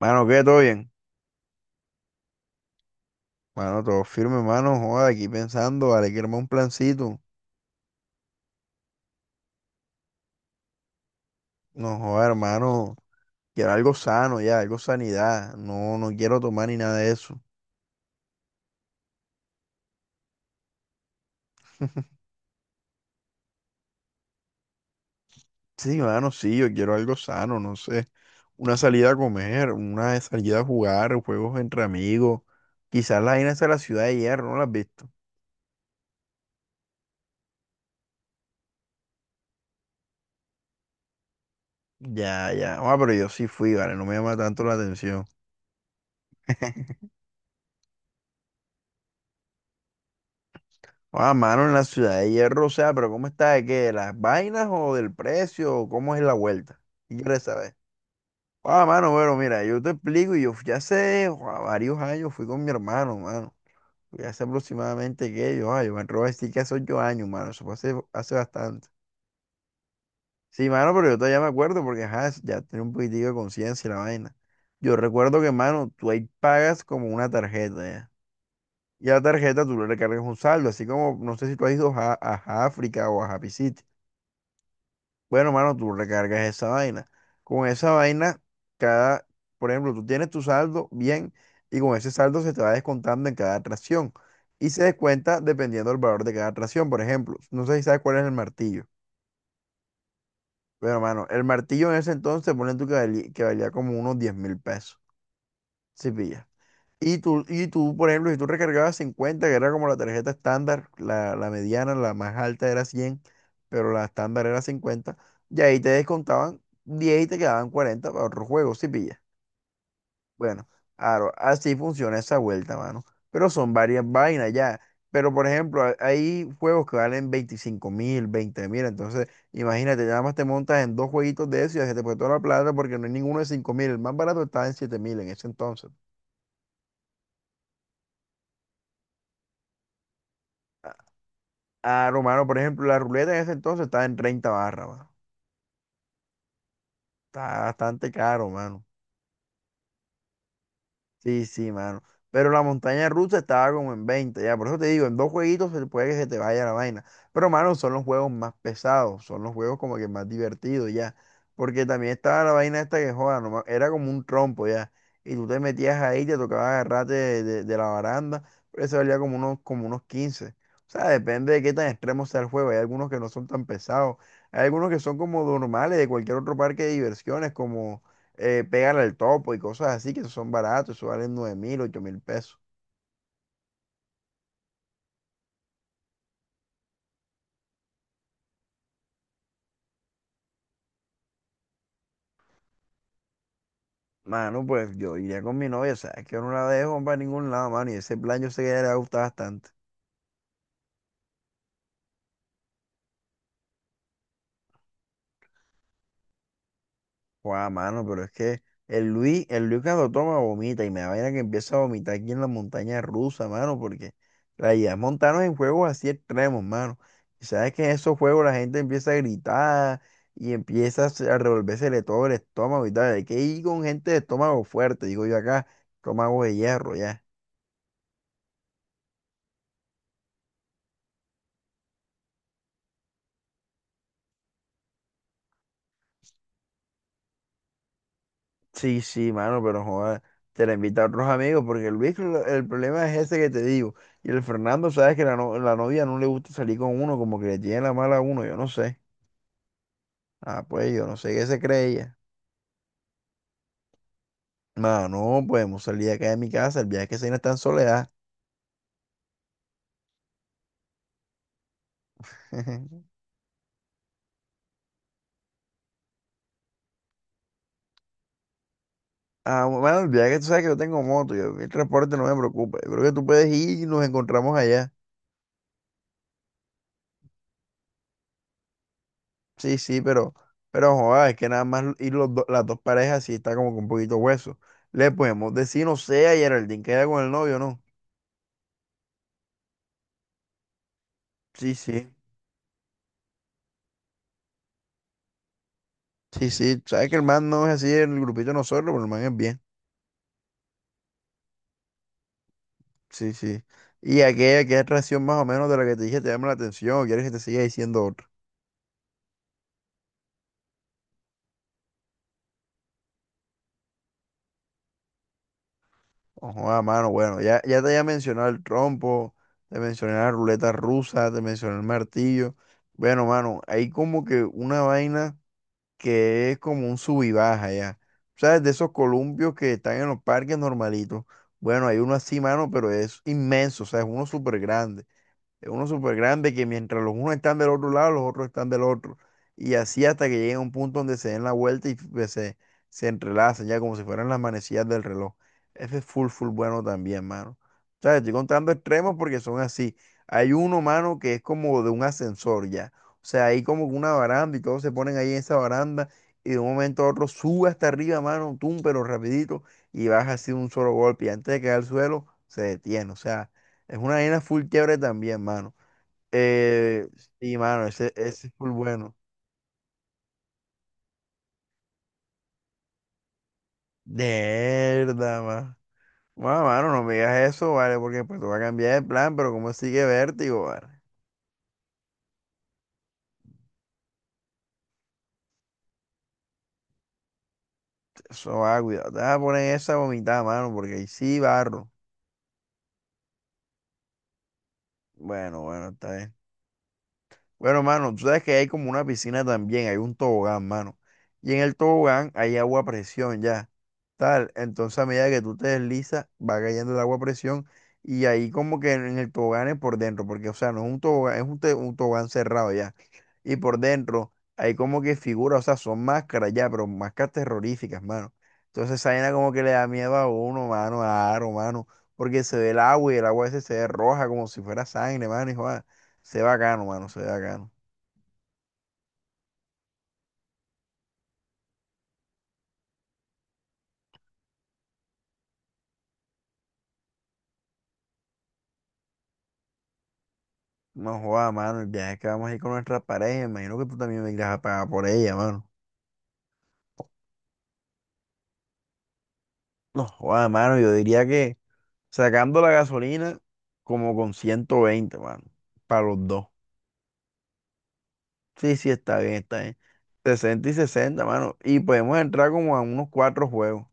Mano, ¿qué? ¿Todo bien? Mano, todo firme, mano. Joda, aquí pensando, vale, quiero armar un plancito. No, joda, hermano. Quiero algo sano ya, algo sanidad. No, no quiero tomar ni nada de eso. Sí, mano, sí, yo quiero algo sano, no sé. Una salida a comer, una salida a jugar, juegos entre amigos. Quizás las vainas de la Ciudad de Hierro, ¿no las has visto? Ya, ya. Ah, pero yo sí fui, vale, no me llama tanto la atención. Ah, mano, en la Ciudad de Hierro, o sea, pero ¿cómo está? ¿De qué? ¿De las vainas o del precio? ¿O cómo es la vuelta? ¿Qué quieres saber? Ah, mano, bueno, mira, yo te explico, y yo fui hace joa, varios años, fui con mi hermano, mano. Fui hace aproximadamente, ¿qué? Yo, ah, yo me atrevo a decir que hace 8 años, mano, eso fue hace, bastante. Sí, mano, pero yo todavía me acuerdo porque, ajá, ya tenía un poquitico de conciencia y la vaina. Yo recuerdo que, mano, tú ahí pagas como una tarjeta, ¿ya? Y a la tarjeta tú le recargas un saldo, así como, no sé si tú has ido a África o a Happy City. Bueno, mano, tú recargas esa vaina. Con esa vaina, cada, por ejemplo, tú tienes tu saldo bien y con ese saldo se te va descontando en cada atracción. Y se descuenta dependiendo del valor de cada atracción. Por ejemplo, no sé si sabes cuál es el martillo. Pero, mano, el martillo en ese entonces, ponen tú que valía, como unos 10.000 pesos. Si pillas. y tú por ejemplo, si tú recargabas 50 que era como la tarjeta estándar, la mediana, la más alta era 100, pero la estándar era 50 y ahí te descontaban 10 y te quedaban 40 para otro juego, si pillas. Bueno, claro, así funciona esa vuelta, mano. Pero son varias vainas ya. Pero, por ejemplo, hay juegos que valen 25.000, 20.000, entonces imagínate, nada más te montas en dos jueguitos de eso y ya se te fue toda la plata porque no hay ninguno de 5000, el más barato estaba en 7000 en ese entonces. Ah, no, mano, por ejemplo, la ruleta en ese entonces estaba en 30 barras, mano. Está bastante caro, mano. Sí, sí, mano. Pero la montaña rusa estaba como en 20, ya. Por eso te digo, en dos jueguitos se puede que se te vaya la vaina. Pero, mano, son los juegos más pesados, son los juegos como que más divertidos, ya. Porque también estaba la vaina esta que joda, no me- era como un trompo, ya. Y tú te metías ahí, te tocaba agarrarte de la baranda, pero eso valía como unos 15. O sea, depende de qué tan extremo sea el juego. Hay algunos que no son tan pesados. Hay algunos que son como normales de cualquier otro parque de diversiones, pégale al topo y cosas así que son baratos, eso valen 9000, 8000 pesos. Mano, pues yo iría con mi novia, sabes que yo no la dejo para ningún lado, mano, y ese plan yo sé que a ella le gusta bastante. Guau, mano, pero es que el Luis cuando toma vomita y me da vaina que empieza a vomitar aquí en la montaña rusa, mano, porque la idea es montarnos en juegos así extremos, mano. Y sabes que en esos juegos la gente empieza a gritar y empieza a revolvérsele todo el estómago y tal. Hay que ir con gente de estómago fuerte, digo yo acá, estómago de hierro, ya. Sí, sí, mano, pero joder, te la invita a otros amigos, porque el Luis, el problema es ese que te digo. Y el Fernando, sabes que la novia no le gusta salir con uno, como que le tiene la mala a uno, yo no sé. Ah, pues yo no sé qué se cree ella. Mano, podemos salir acá de mi casa, el viaje que se no está en soledad. Ah, bueno, el viaje, tú sabes que yo tengo moto, yo, el transporte no me preocupa. Yo creo que tú puedes ir y nos encontramos allá. Sí, sí, pero joda, es que nada más ir las dos parejas sí está como que un poquito hueso. Le podemos decir, no sé, a Geraldine, queda con el novio, ¿no? Sí, sí, sí, sí. Sabes que el man no es así en el grupito de nosotros, pero el man es bien. Sí, sí. Y aquella atracción más o menos de la que te dije, te llama la atención, o quieres que te siga diciendo otra. Ojo, a mano, bueno, ya, ya te había mencionado el trompo, te mencioné la ruleta rusa, te mencioné el martillo. Bueno, mano, hay como que una vaina que es como un sub y baja ya. ¿Sabes? De esos columpios que están en los parques normalitos. Bueno, hay uno así, mano, pero es inmenso, o sea, es uno súper grande. Es uno súper grande que mientras los unos están del otro lado, los otros están del otro. Y así hasta que lleguen a un punto donde se den la vuelta y pues, se entrelazan, ya como si fueran las manecillas del reloj. Ese es full, full bueno también, mano. O sea, estoy contando extremos porque son así. Hay uno, mano, que es como de un ascensor ya. O sea, hay como una baranda y todos se ponen ahí en esa baranda y de un momento a otro sube hasta arriba, mano, tú, pero rapidito y baja así de un solo golpe y antes de caer al suelo se detiene. O sea. Es una vaina full chévere también, mano. Eh, sí, mano, ese es full bueno. Mierda, mano. Bueno, mano, no me digas eso, vale, porque pues te va a cambiar de plan, pero como sigue vértigo, vale. Eso va, cuidado. Te vas a poner esa vomitada, mano, porque ahí sí barro. Bueno, bueno, está bien. Bueno, mano, tú sabes que hay como una piscina también, hay un tobogán, mano. Y en el tobogán hay agua a presión ya. Tal. Entonces, a medida que tú te deslizas, va cayendo el agua a presión y ahí como que en el tobogán es por dentro, porque, o sea, no es un tobogán, es un tobogán cerrado ya. Y por dentro hay como que figuras, o sea, son máscaras ya, pero máscaras terroríficas, mano. Entonces, esa vaina como que le da miedo a uno, mano, a Aro, mano, porque se ve el agua y el agua ese se ve roja como si fuera sangre, mano, y joda, se ve bacano, mano, se ve bacano. No joda, mano, el viaje que vamos a ir con nuestra pareja, imagino que tú también me irás a pagar por ella, mano. No, joda, mano, yo diría que sacando la gasolina como con 120, mano, para los dos. Sí, sí, está bien, está bien. Sesenta y 60, mano. Y podemos entrar como a unos cuatro juegos.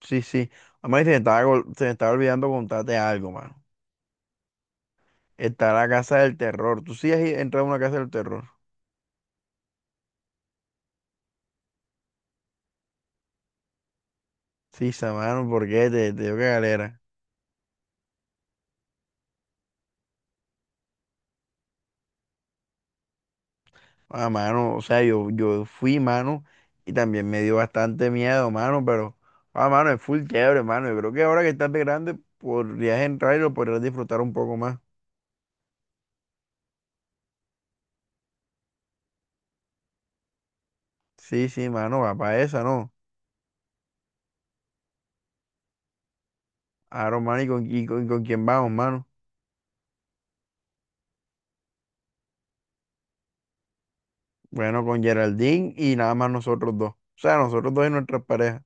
Sí, sí. Además, se me estaba olvidando contarte algo, mano. Está la casa del terror. ¿Tú sí entrado a una casa del terror? Sí, mano, ¿por qué? Te dio que galera. Ah, mano, o sea, yo fui, mano, y también me dio bastante miedo, mano, pero, ah, mano, es full chévere, mano. Yo creo que ahora que estás de grande podrías entrar y lo podrías disfrutar un poco más. Sí, sí, mano, va para esa, ¿no? Aaron, mano, ¿y con quién vamos, mano? Bueno, con Geraldine y nada más nosotros dos. O sea, nosotros dos y nuestras parejas.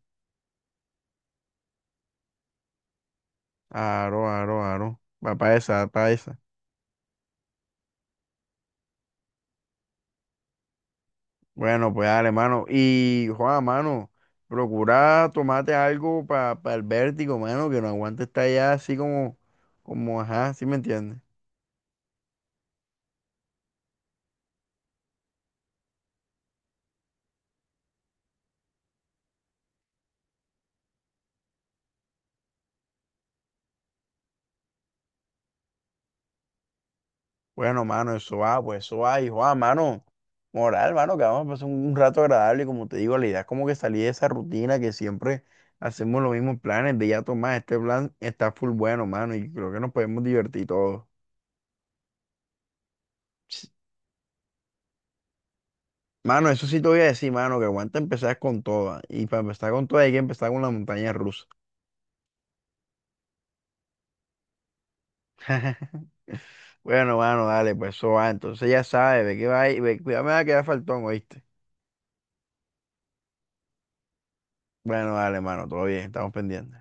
Aro, aro, aro. Va para esa, va para esa. Bueno, pues dale, mano. Y, Juan, mano, procura tomarte algo para el vértigo, mano, que no aguante estar allá así como, ajá, ¿sí me entiendes? Bueno, mano, eso va, pues eso va. Y, Juan, mano, moral, mano, que vamos a pasar un rato agradable. Como te digo, la idea es como que salir de esa rutina que siempre hacemos los mismos planes de ya tomar. Este plan está full bueno, mano, y creo que nos podemos divertir todos. Ch- Mano, eso sí te voy a decir, mano, que aguanta empezar con todas. Y para empezar con todas hay que empezar con la montaña rusa. Bueno, mano, dale, pues eso va. Entonces ya sabes, ve que va ahí, ve, cuidado, me va a quedar faltón, ¿oíste? Bueno, dale, mano, todo bien, estamos pendientes.